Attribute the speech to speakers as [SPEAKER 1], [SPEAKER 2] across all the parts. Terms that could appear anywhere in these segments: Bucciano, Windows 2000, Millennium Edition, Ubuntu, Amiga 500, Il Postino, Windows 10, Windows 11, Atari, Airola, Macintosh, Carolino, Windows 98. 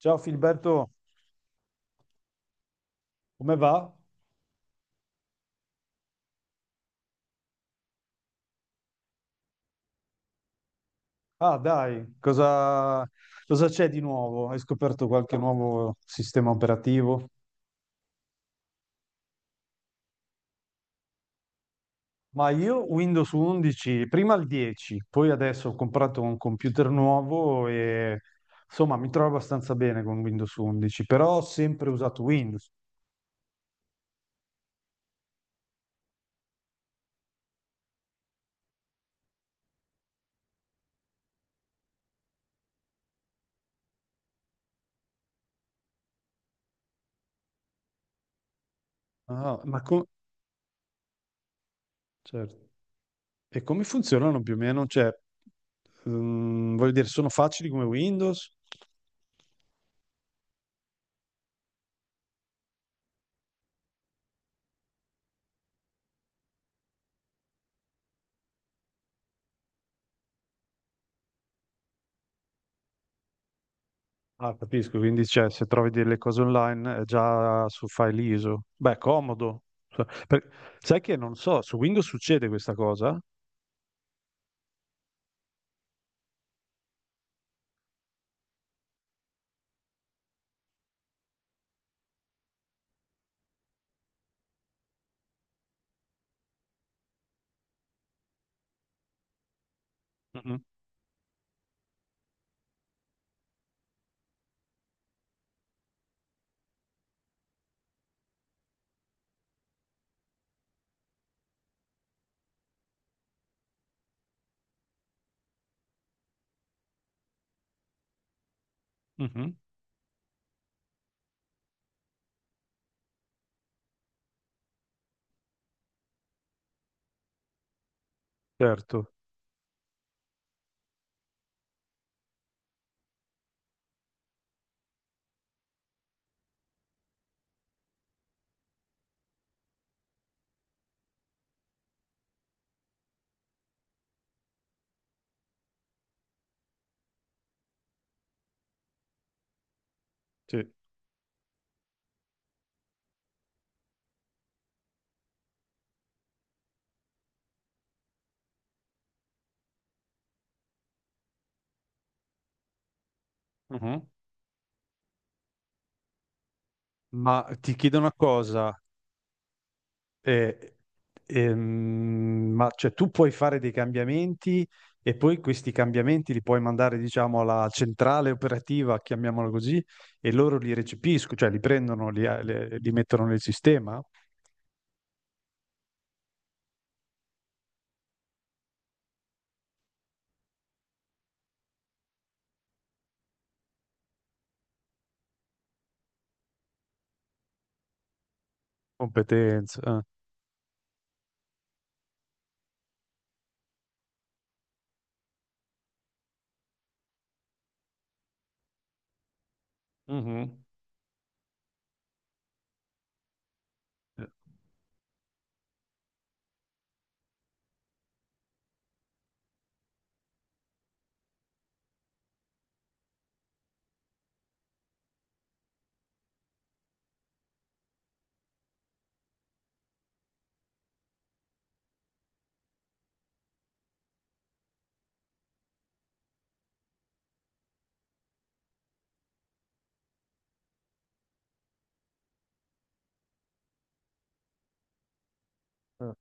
[SPEAKER 1] Ciao Filberto, come va? Ah, dai, cosa c'è di nuovo? Hai scoperto qualche nuovo sistema operativo? Ma io Windows 11, prima il 10, poi adesso ho comprato un computer nuovo e insomma mi trovo abbastanza bene con Windows 11, però ho sempre usato Windows. Ah, ma co- certo. E come funzionano più o meno? Cioè, voglio dire, sono facili come Windows? Ah, capisco, quindi cioè, se trovi delle cose online è già su file ISO. Beh, comodo. Sai che non so, su Windows succede questa cosa? Mhm. Mhm. Certo. Sì. Mhm. Ma ti chiedo una cosa, eh, ma cioè, tu puoi fare dei cambiamenti e poi questi cambiamenti li puoi mandare, diciamo, alla centrale operativa, chiamiamola così, e loro li recepiscono, cioè li prendono, li, li mettono nel sistema? Competenza, eh. Mhm. Eh. Eh.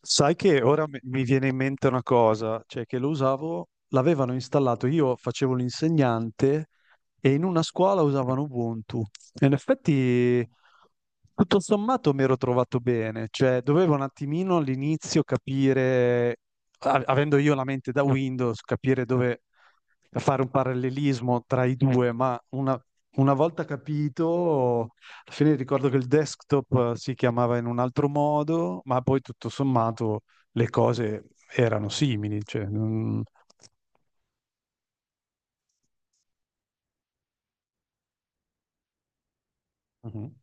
[SPEAKER 1] Sai che ora mi viene in mente una cosa, cioè che lo usavo, l'avevano installato, io facevo l'insegnante e in una scuola usavano Ubuntu. E in effetti, tutto sommato, mi ero trovato bene, cioè dovevo un attimino all'inizio capire, avendo io la mente da Windows, capire dove fare un parallelismo tra i due, ma una volta capito. Alla fine ricordo che il desktop, si chiamava in un altro modo, ma poi tutto sommato le cose erano simili, cioè. Mhm.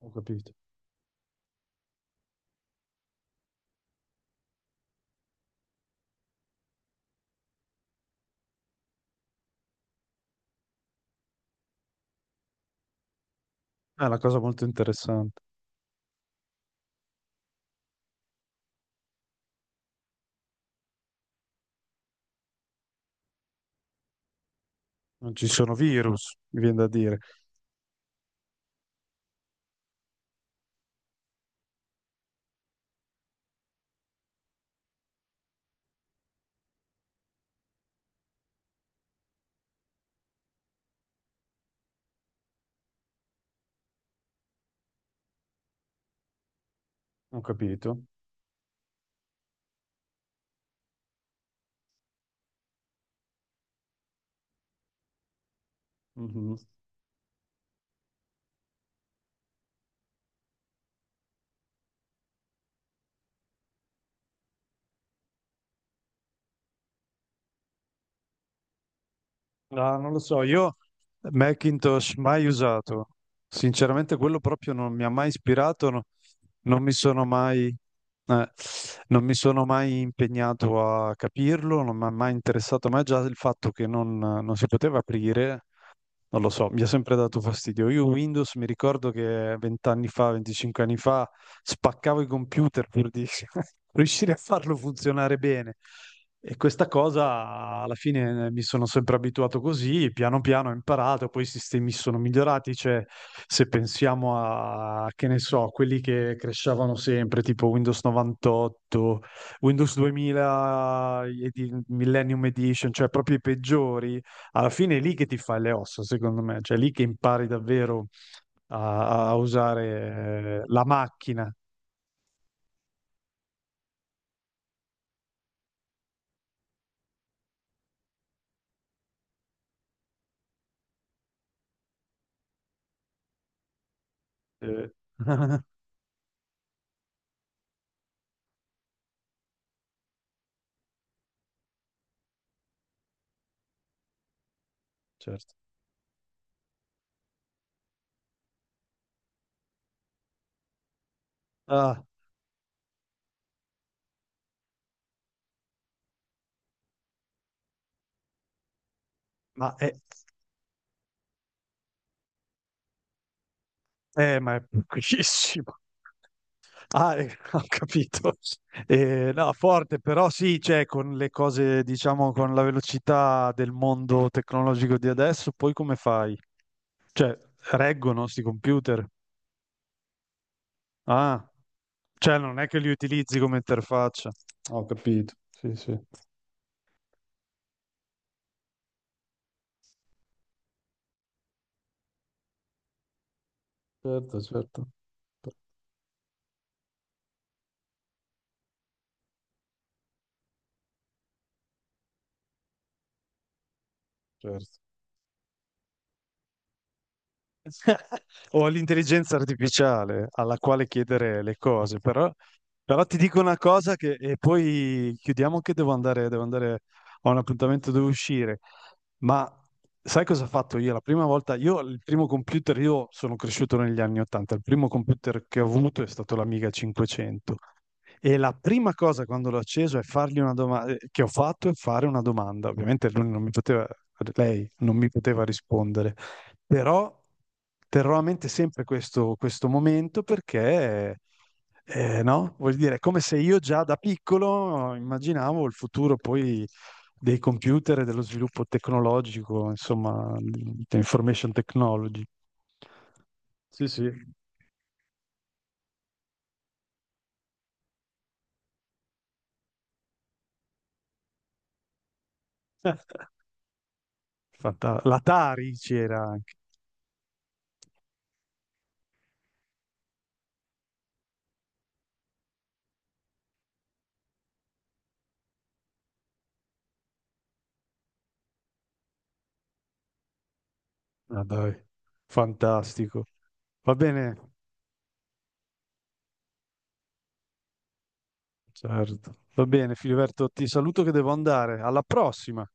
[SPEAKER 1] Ho capito. È una cosa molto interessante. Non ci sono virus, mi viene da dire. Ho capito. Mhm. No, non lo so, io Macintosh mai usato. Sinceramente quello proprio non mi ha mai ispirato, non mi sono mai, eh, non mi sono mai impegnato a capirlo, non mi ha mai interessato, ma già il fatto che non si poteva aprire non lo so, mi ha sempre dato fastidio. Io Windows mi ricordo che vent'anni fa, 25 anni fa, spaccavo i computer pur di riuscire a farlo funzionare bene. E questa cosa alla fine, mi sono sempre abituato così, piano piano ho imparato, poi i sistemi sono migliorati, cioè se pensiamo a, che ne so, quelli che crescevano sempre, tipo Windows 98, Windows 2000, Millennium Edition, cioè proprio i peggiori, alla fine è lì che ti fai le ossa, secondo me, cioè è lì che impari davvero a, a usare, la macchina. Eh. Certo. Ah, ma è, ma è pochissimo. Ah, ho capito. No, forte, però sì, cioè, con le cose, diciamo, con la velocità del mondo tecnologico di adesso, poi come fai? Cioè, reggono sti computer. Ah, cioè, non è che li utilizzi come interfaccia. Ho capito. Sì, sì. Certo, certo. Certo. O all'intelligenza artificiale alla quale chiedere le cose, però, però ti dico una cosa che, e poi chiudiamo che devo andare a un appuntamento, devo uscire. Ma sai cosa ho fatto io? La prima volta, io il primo computer, io sono cresciuto negli anni 80, il primo computer che ho avuto è stato l'Amiga 500. E la prima cosa quando l'ho acceso è fargli una domanda, che ho fatto è fare una domanda. Ovviamente lui non mi poteva, lei non mi poteva rispondere, però terrò a mente sempre questo momento perché, no? Vuol dire, è come se io già da piccolo immaginavo il futuro poi dei computer e dello sviluppo tecnologico, insomma, di information technology. Sì, sì. L'Atari c'era anche. Ah, dai, fantastico. Va bene, certo. Va bene, Filiberto, ti saluto che devo andare. Alla prossima.